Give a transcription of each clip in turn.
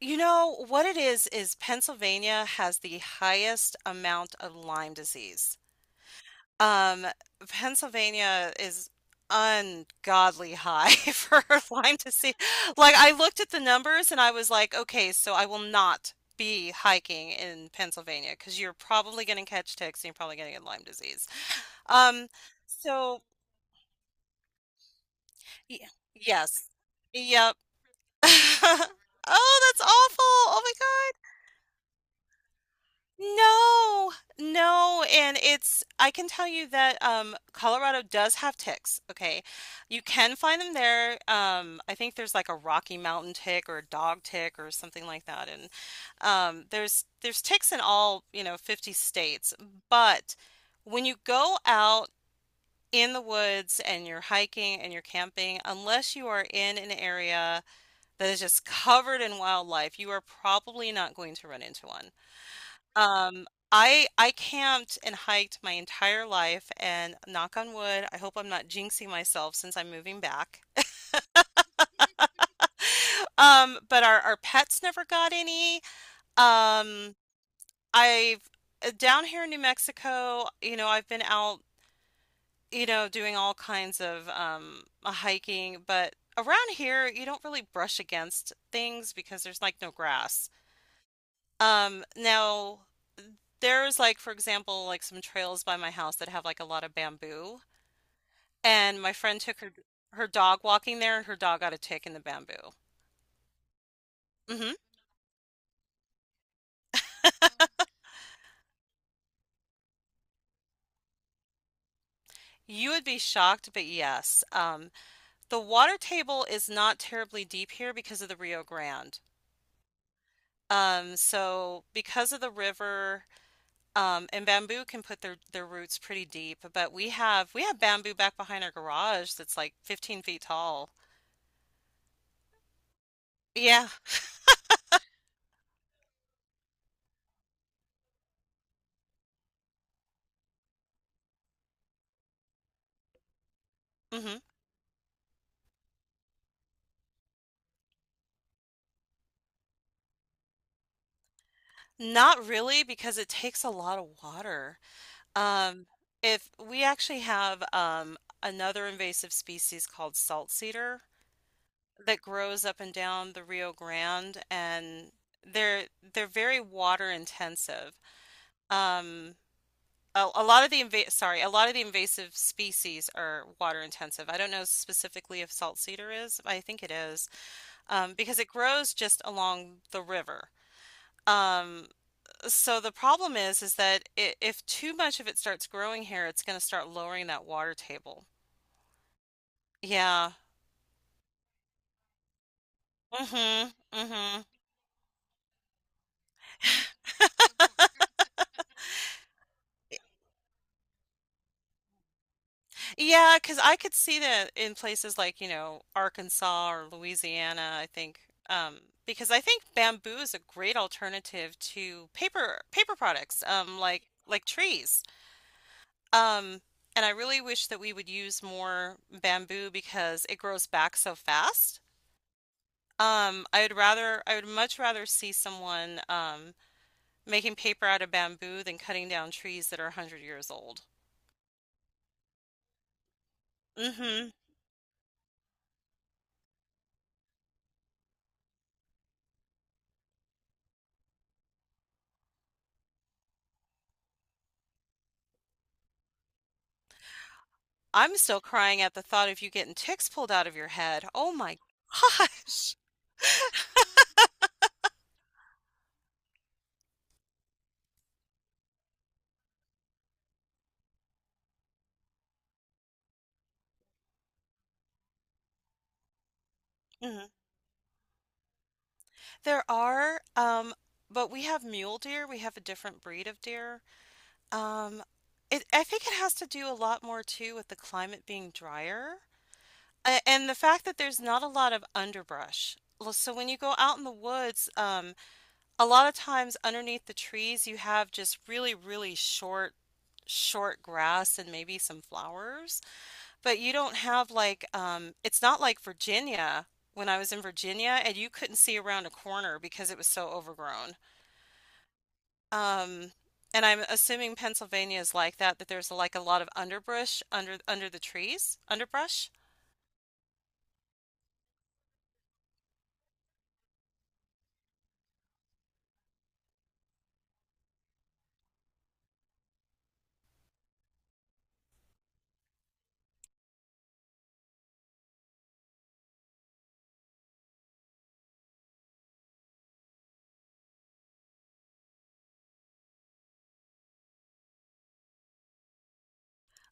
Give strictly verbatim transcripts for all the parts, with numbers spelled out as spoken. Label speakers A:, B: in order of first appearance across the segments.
A: You know, what it is is Pennsylvania has the highest amount of Lyme disease. Um, Pennsylvania is ungodly high for Lyme disease. Like I looked at the numbers and I was like, okay, so I will not be hiking in Pennsylvania because you're probably going to catch ticks and you're probably going to get Lyme disease. Um, so y yes. Yep. Oh, that's awful. Oh my God. No, no, and it's I can tell you that um, Colorado does have ticks. Okay, you can find them there. Um, I think there's like a Rocky Mountain tick or a dog tick or something like that, and um, there's there's ticks in all you know fifty states. But when you go out in the woods and you're hiking and you're camping, unless you are in an area that is just covered in wildlife, you are probably not going to run into one. Um, I I camped and hiked my entire life, and knock on wood, I hope I'm not jinxing myself since I'm moving back. Um, but our our pets never got any. Um, I've uh, down here in New Mexico, you know, I've been out, you know, doing all kinds of um uh, hiking, but around here you don't really brush against things because there's like no grass. Um, now there's like for example, like some trails by my house that have like a lot of bamboo. And my friend took her her dog walking there, and her dog got a tick in the bamboo. Hmm You would be shocked, but yes, um, the water table is not terribly deep here because of the Rio Grande. Um, so because of the river, um, and bamboo can put their their roots pretty deep, but we have we have bamboo back behind our garage that's like fifteen feet tall. Yeah. hmm Not really because it takes a lot of water. Um, if we actually have um, another invasive species called salt cedar that grows up and down the Rio Grande, and they're they're very water intensive. Um, a, a lot of the inva sorry, a lot of the invasive species are water intensive. I don't know specifically if salt cedar is. I think it is um, because it grows just along the river. Um, so the problem is, is that I if too much of it starts growing here, it's going to start lowering that water table. Yeah. Mm-hmm. Mm-hmm. Yeah, yeah, because I could see that in places like, you know, Arkansas or Louisiana, I think. Um, because I think bamboo is a great alternative to paper paper products, um, like like trees. Um, and I really wish that we would use more bamboo because it grows back so fast. Um, I would rather, I would much rather see someone um, making paper out of bamboo than cutting down trees that are one hundred years old. Hmm I'm still crying at the thought of you getting ticks pulled out of your head. Oh my gosh. Mhm. There are, um, but we have mule deer. We have a different breed of deer. Um, it, I think it has to do a lot more too with the climate being drier. A- And the fact that there's not a lot of underbrush. L- So when you go out in the woods, um, a lot of times underneath the trees, you have just really, really short, short grass and maybe some flowers. But you don't have like, um, it's not like Virginia. When I was in Virginia, and you couldn't see around a corner because it was so overgrown. Um, and I'm assuming Pennsylvania is like that, that there's like a lot of underbrush under under the trees, underbrush.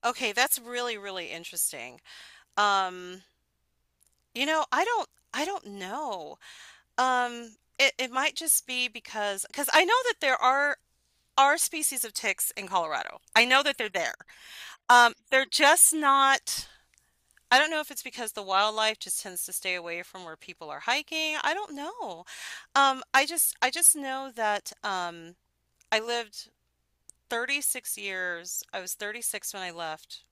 A: Okay, that's really, really interesting. Um, you know, I don't I don't know. Um, it it might just be because because I know that there are are species of ticks in Colorado. I know that they're there. Um, they're just not I don't know if it's because the wildlife just tends to stay away from where people are hiking. I don't know. Um, I just I just know that um I lived thirty-six years. I was thirty-six when I left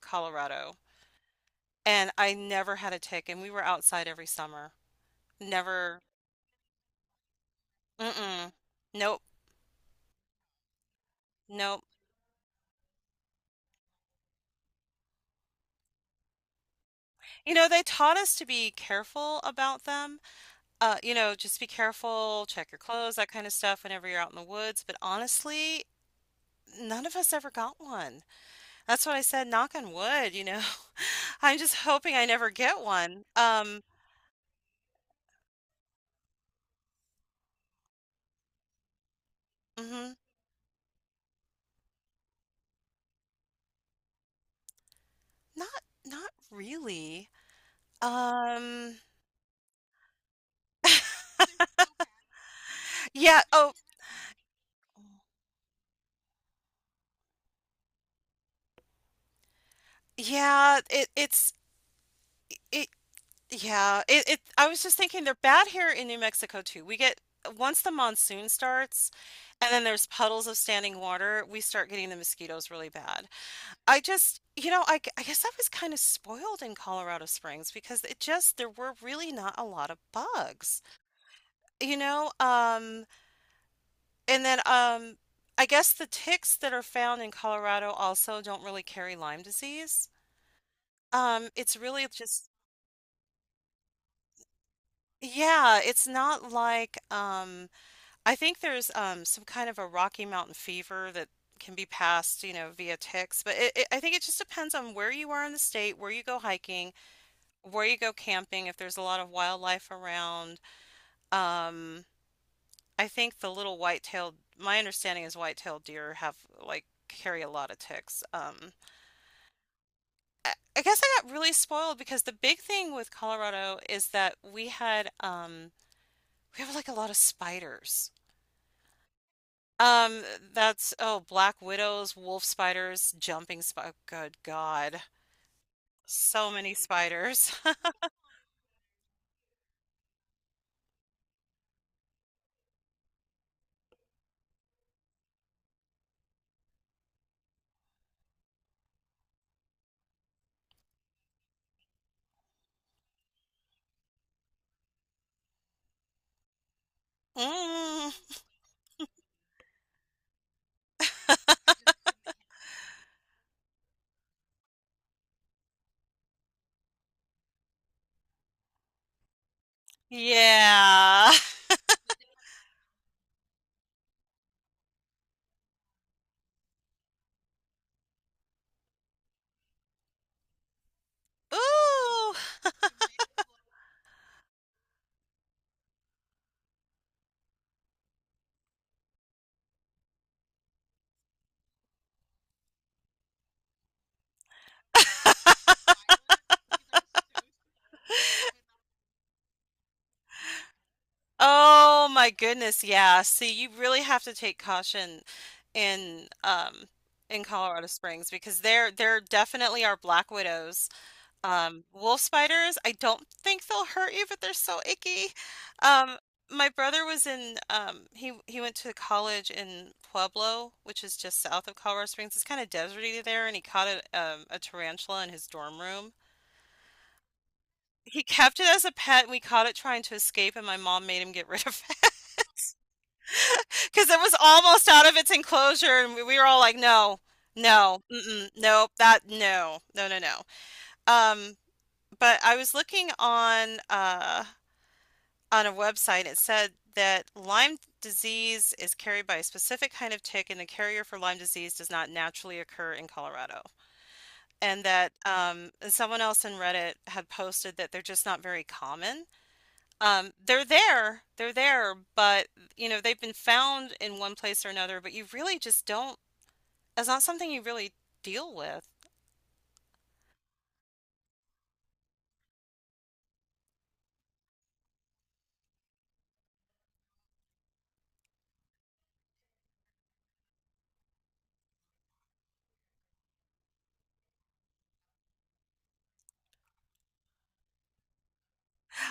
A: Colorado. And I never had a tick, and we were outside every summer. Never, mm-mm. Nope. Nope. You know, they taught us to be careful about them. Uh, you know, just be careful, check your clothes, that kind of stuff whenever you're out in the woods. But honestly, none of us ever got one. That's what I said, knock on wood, you know. I'm just hoping I never get one. Um, mhm. Not not really. Um, yeah, oh, yeah, it it's it, yeah, it, it I was just thinking they're bad here in New Mexico too. We get uh, once the monsoon starts and then there's puddles of standing water, we start getting the mosquitoes really bad. I just, you know, I, g- I guess I was kind of spoiled in Colorado Springs because it just there were really not a lot of bugs. You know, um and then um I guess the ticks that are found in Colorado also don't really carry Lyme disease. Um it's really just yeah, it's not like um I think there's um, some kind of a Rocky Mountain fever that can be passed, you know, via ticks. But it, it, I think it just depends on where you are in the state, where you go hiking, where you go camping, if there's a lot of wildlife around. Um, I think the little white-tailed, my understanding is white-tailed deer have like carry a lot of ticks. Um, I, I guess I got really spoiled because the big thing with Colorado is that we had um, we have like a lot of spiders. Um, that's oh, black widows, wolf spiders, jumping sp good God. So many spiders. Mm, yeah. Ooh. Oh my goodness, yeah. See, you really have to take caution in um in Colorado Springs because there there definitely are black widows. Um, wolf spiders, I don't think they'll hurt you, but they're so icky. Um, my brother was in, um, he he went to college in Pueblo, which is just south of Colorado Springs. It's kind of deserty there, and he caught a, um, a tarantula in his dorm room. He kept it as a pet, and we caught it trying to escape, and my mom made him get rid of it because it was almost out of its enclosure, and we, we were all like, no, no, mm-mm, nope, that, no, no, no, no. Um, but I was looking on, uh, on a website, it said that Lyme disease is carried by a specific kind of tick, and the carrier for Lyme disease does not naturally occur in Colorado. And that um, and someone else in Reddit had posted that they're just not very common. Um, they're there, they're there, but you know they've been found in one place or another. But you really just don't. It's not something you really deal with.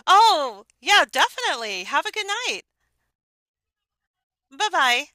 A: Oh, yeah, definitely. Have a good night. Bye bye.